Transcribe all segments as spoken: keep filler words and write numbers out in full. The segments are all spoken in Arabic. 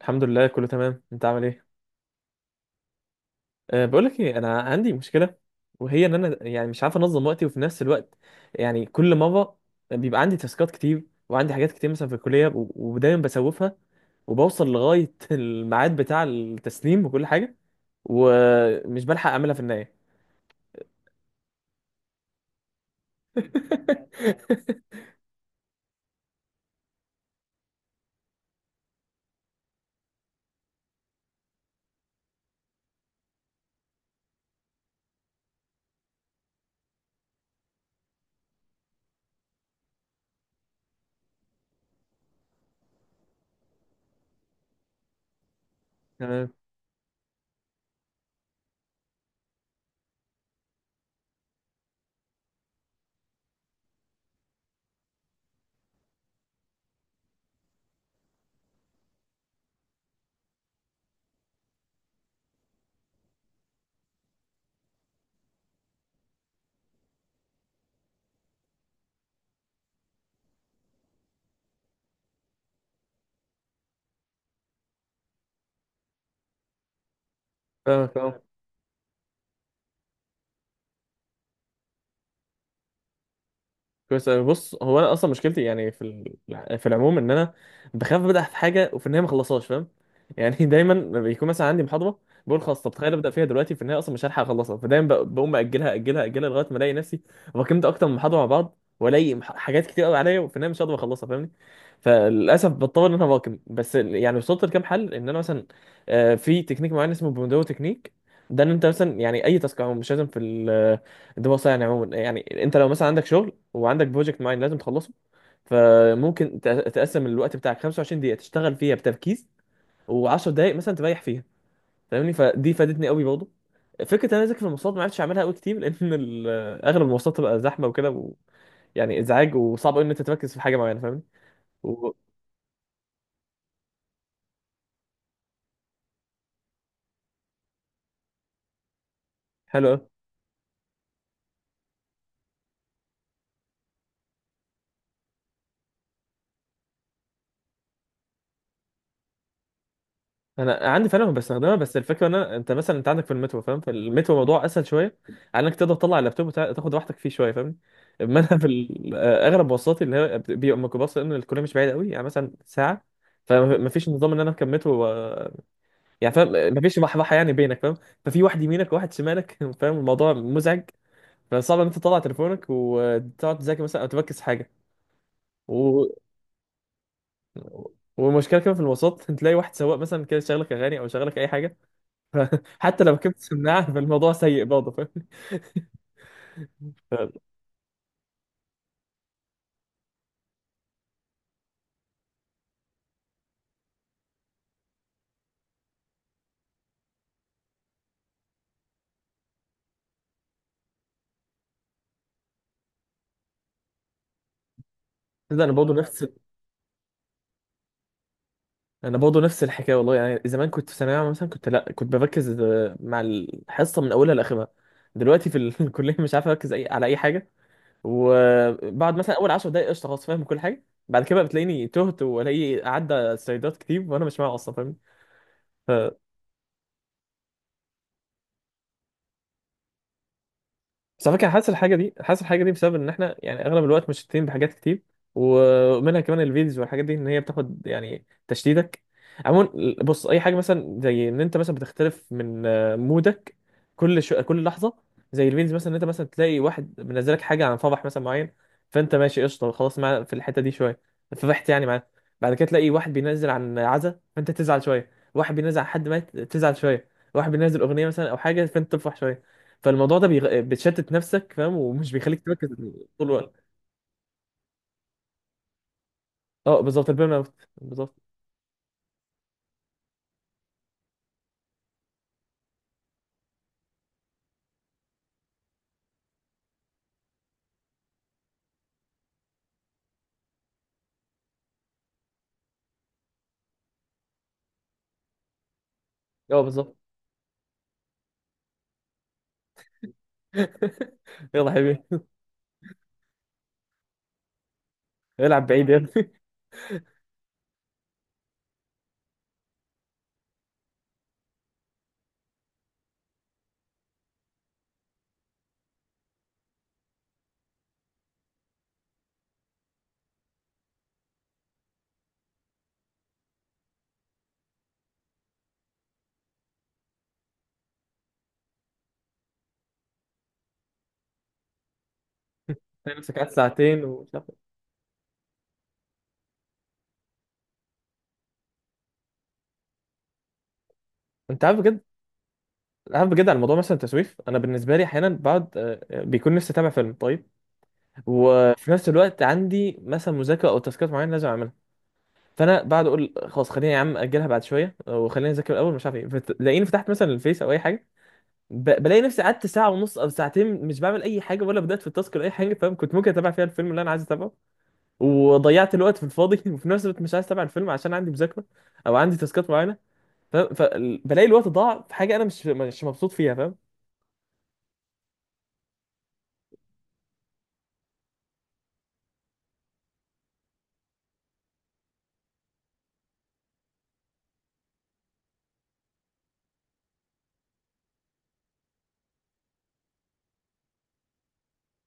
الحمد لله، كله تمام. انت عامل ايه؟ أه بقول لك ايه، انا عندي مشكله، وهي ان انا يعني مش عارف انظم وقتي، وفي نفس الوقت يعني كل مره بيبقى عندي تاسكات كتير وعندي حاجات كتير مثلا في الكليه و- ودايما بسوفها، وبوصل لغايه الميعاد بتاع التسليم وكل حاجه، ومش بلحق اعملها في النهايه. تمام، فاهمك. كويس أوي. بص، هو انا اصلا مشكلتي يعني في ال- في العموم ان انا بخاف ابدا في حاجه وفي النهايه ما اخلصهاش، فاهم؟ يعني دايما لما بيكون مثلا عندي محاضره، بقول خلاص، طب تخيل ابدا فيها دلوقتي في النهايه اصلا مش هلحق اخلصها، فدايما ب- بقوم اجلها اجلها اجلها لغايه ما الاقي نفسي واكلمت اكتر من محاضره مع بعض، والاقي مح- حاجات كتير قوي عليا وفي النهايه مش هقدر اخلصها، فاهمني؟ فللاسف بضطر ان انا واكم، بس ال- يعني وصلت لكام حل ان انا مثلا آه، في تكنيك معين اسمه بومودورو تكنيك، ده ان انت مثلا يعني اي تاسك عموما مش لازم في ال- الدراسه، يعني عموما يعني انت لو مثلا عندك شغل وعندك بروجكت معين لازم تخلصه، فممكن تق- تقسم الوقت بتاعك 25 دقيقة تشتغل فيها بتركيز، و10 دقايق مثلا تريح فيها، فاهمني؟ فدي فادتني قوي برضه. فكرة انا اذاكر في المواصلات، ما عرفتش اعملها قوي كتير لان ال- اغلب المواصلات تبقى زحمة وكده و... يعني ازعاج، وصعب قوي ان انت تركز في حاجة معينة، فاهمني؟ و... حلو. انا عندي فعلا، ما بستخدمها، بس الفكره ان انا انت مثلا انت عندك في المترو، فاهم؟ في المترو الموضوع اسهل شويه، على انك تقدر تطلع اللابتوب وتع- تاخد راحتك فيه شويه، فاهمني؟ اما انا في ال- آه، اغلب مواصلاتي اللي هي بت- بيبقى ميكروباص لان الكليه مش بعيده قوي، يعني مثلا ساعه، فما فيش نظام ان انا اركب مترو و... يعني، فاهم؟ ما فيش راحه يعني بينك، فاهم؟ ففي واحد يمينك وواحد شمالك، فاهم؟ الموضوع مزعج، فصعب ان انت تطلع تليفونك وتقعد تذاكر مثلا او تركز في حاجه و... والمشكله كمان في المواصلات تلاقي واحد سواق مثلا كده شغلك اغاني او شغلك اي حاجه، حتى لو ركبت سماعه فالموضوع سيء برضه، فاهم؟ ده انا برضه نفس انا برضه نفس الحكايه والله، يعني زمان كنت في ثانويه عامه مثلا كنت، لا، كنت بركز آه، مع الحصه من اولها لاخرها، دلوقتي في ال- الكليه مش عارف اركز اي على اي حاجه، وبعد مثلا اول 10 دقائق قشطه، خلاص فاهم كل حاجه، بعد كده بقى بتلاقيني تهت والاقي عدى سلايدات كتير وانا مش معايا اصلا، فاهم؟ بس على فكره أنا حاسس الحاجه دي حاسس الحاجه دي بسبب ان احنا يعني اغلب الوقت مشتتين بحاجات كتير، ومنها كمان الفيديوز والحاجات دي، ان هي بتاخد يعني تشتيتك عموما. بص، اي حاجه مثلا زي ان انت مثلا بتختلف من آه، مودك كل شو كل لحظه، زي الفيديوز مثلا، ان انت مثلا تلاقي واحد منزلك حاجه عن فرح مثلا معين، فانت ماشي قشطه خلاص معاه في الحته دي شويه، فرحت يعني معاه، بعد كده تلاقي واحد بينزل عن عزا فانت تزعل شويه، واحد بينزل عن حد مات تزعل شويه، واحد بينزل اغنيه مثلا او حاجه فانت تفرح شويه، فالموضوع ده بيغ... بتشتت نفسك، فاهم؟ ومش بيخليك تركز طول الوقت. اه بالظبط، البيرن اوت بالظبط. اه بالظبط. يلا يا حبيبي. العب بعيد يا ابني. تلاقي نفسك قاعد ساعتين ومش عارف إيه. انت عارف بجد عارف بجد على الموضوع مثلا التسويف. انا بالنسبه لي احيانا بقعد، آه، بيكون نفسي اتابع فيلم طيب، وفي نفس الوقت عندي مثلا مذاكره او تاسكات معينه لازم اعملها، فانا بقعد اقول خلاص خليني يا عم اجلها بعد شويه وخليني اذاكر الاول، مش عارف ايه، فت- تلاقيني فتحت مثلا الفيس او اي حاجه، ب... بلاقي نفسي قعدت ساعة ونص أو ساعتين مش بعمل أي حاجة ولا بدأت في التاسك ولا أي حاجة، فاهم؟ كنت ممكن أتابع فيها الفيلم اللي أنا عايز أتابعه، وضيعت الوقت في الفاضي. وفي نفس الوقت مش عايز أتابع الفيلم عشان عندي مذاكرة أو عندي تاسكات معينة، فاهم؟ فبلاقي الوقت ضاع في حاجة أنا مش مش مبسوط فيها، فاهم؟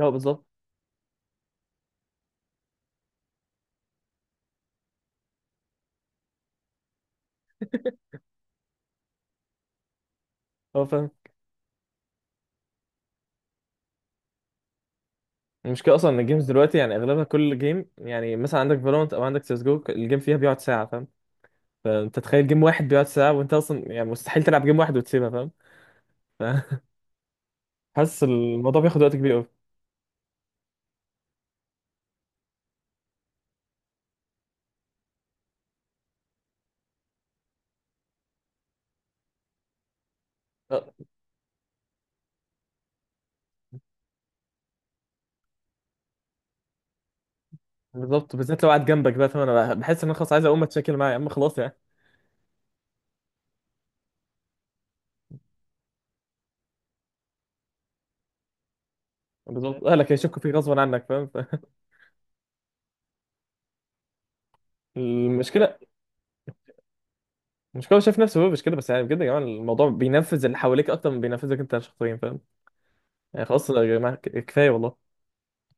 هو بالظبط. هو فاهم. المشكلة أصلا إن الجيمز دلوقتي يعني أغلبها، كل جيم يعني مثلا عندك فالورانت أو عندك سيس جو، الجيم فيها بيقعد ساعة، فاهم؟ فأنت تخيل جيم واحد بيقعد ساعة وأنت أصلا يعني مستحيل تلعب جيم واحد وتسيبها، فاهم؟ فحاسس الموضوع بياخد وقت كبير أوي. بالظبط، بالذات لو قاعد جنبك بقى، فاهم؟ انا بحس ان انا خلاص عايز اقوم اتشكل معاه، يا عم خلاص يعني. بالظبط، اهلك هيشكوا فيك غصبا عنك، فاهم؟ ف- المشكله المشكله هو شايف نفسه هو مش كده بس، يعني بجد يا جماعه الموضوع بينفذ اللي حواليك اكتر من بينفذك انت شخصيا، فاهم؟ يعني خلاص يا جماعه ك- كفايه والله.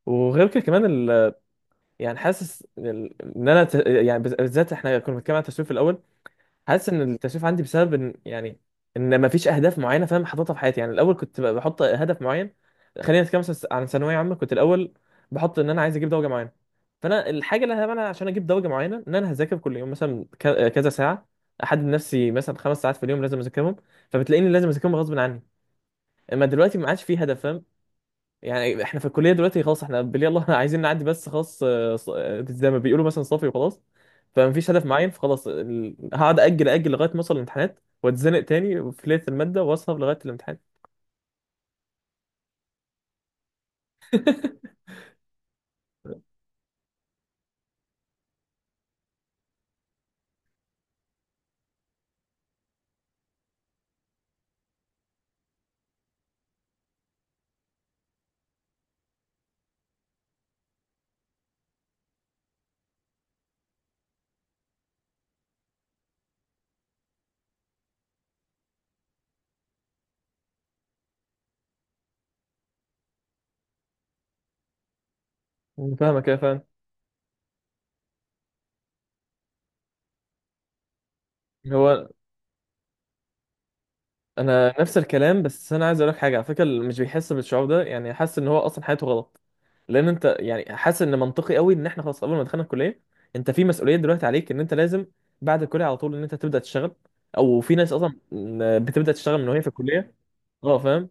وغير كده كمان ال... يعني حاسس، ال- ان انا، ت... يعني بز- بالذات احنا كنا بنتكلم عن التسويق في الاول، حاسس ان التسويف عندي بسبب ان يعني ان ما فيش اهداف معينه، فاهم؟ حاططها في حياتي، يعني الاول كنت ب- بحط هدف معين، خلينا نتكلم مثلا عن ثانويه عامه، كنت الاول بحط ان انا عايز اجيب درجه معينه، فانا الحاجه اللي هعملها عشان اجيب درجه معينه ان انا هذاكر كل يوم مثلا ك- كذا ساعه، احدد نفسي مثلا خمس ساعات في اليوم لازم اذاكرهم، فبتلاقيني لازم اذاكرهم غصب عني. اما دلوقتي ما عادش في هدف، فاهم؟ يعني احنا في الكليه دلوقتي خلاص، احنا بالله الله عايزين نعدي بس، خلاص آه، ص- آه، زي ما بيقولوا مثلا، صافي وخلاص، فمفيش هدف معين، فخلاص ال- هقعد اجل اجل لغايه ما اوصل الامتحانات واتزنق تاني في ليله الماده واسهر لغايه الامتحان. فاهمك كده، فاهم؟ هو انا نفس الكلام، بس انا عايز اقول لك حاجه على فكره، اللي مش بيحس بالشعور ده يعني حاسس ان هو اصلا حياته غلط، لان انت يعني حاسس ان منطقي قوي ان احنا خلاص قبل ما دخلنا الكليه انت في مسؤوليه دلوقتي عليك ان انت لازم بعد الكليه على طول ان انت تبدا تشتغل، او في ناس اصلا بتبدا تشتغل من وهي في الكليه. اه فاهم.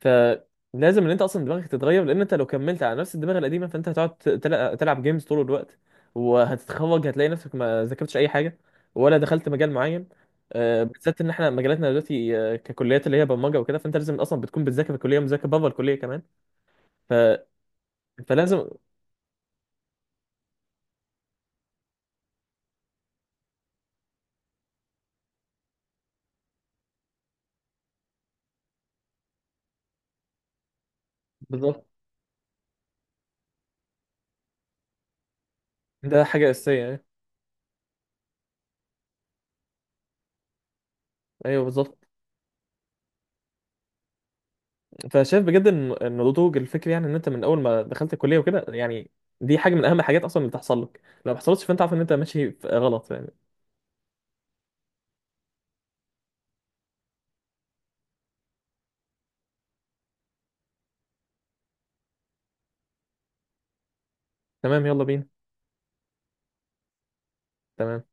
فلازم ان انت اصلا دماغك تتغير، لان انت لو كملت على نفس الدماغ القديمه فانت هتقعد تل- تلعب جيمز طول الوقت، وهتتخرج هتلاقي نفسك ما ذاكرتش اي حاجه ولا دخلت مجال معين، آه، بالذات ان احنا مجالاتنا دلوقتي آه، ككليات اللي هي برمجه وكده، فانت لازم اصلا بتكون بتذاكر في الكليه ومذاكر بره الكليه كمان. ف... فلازم. بالظبط، ده حاجه اساسيه يعني. ايوه بالظبط. فشايف بجد ان إن النضوج الفكري يعني ان انت من اول ما دخلت الكليه وكده، يعني دي حاجه من اهم الحاجات اصلا اللي تحصل لك، لو ما حصلتش فانت عارف ان انت ماشي في- غلط يعني. تمام، يلا بينا. تمام.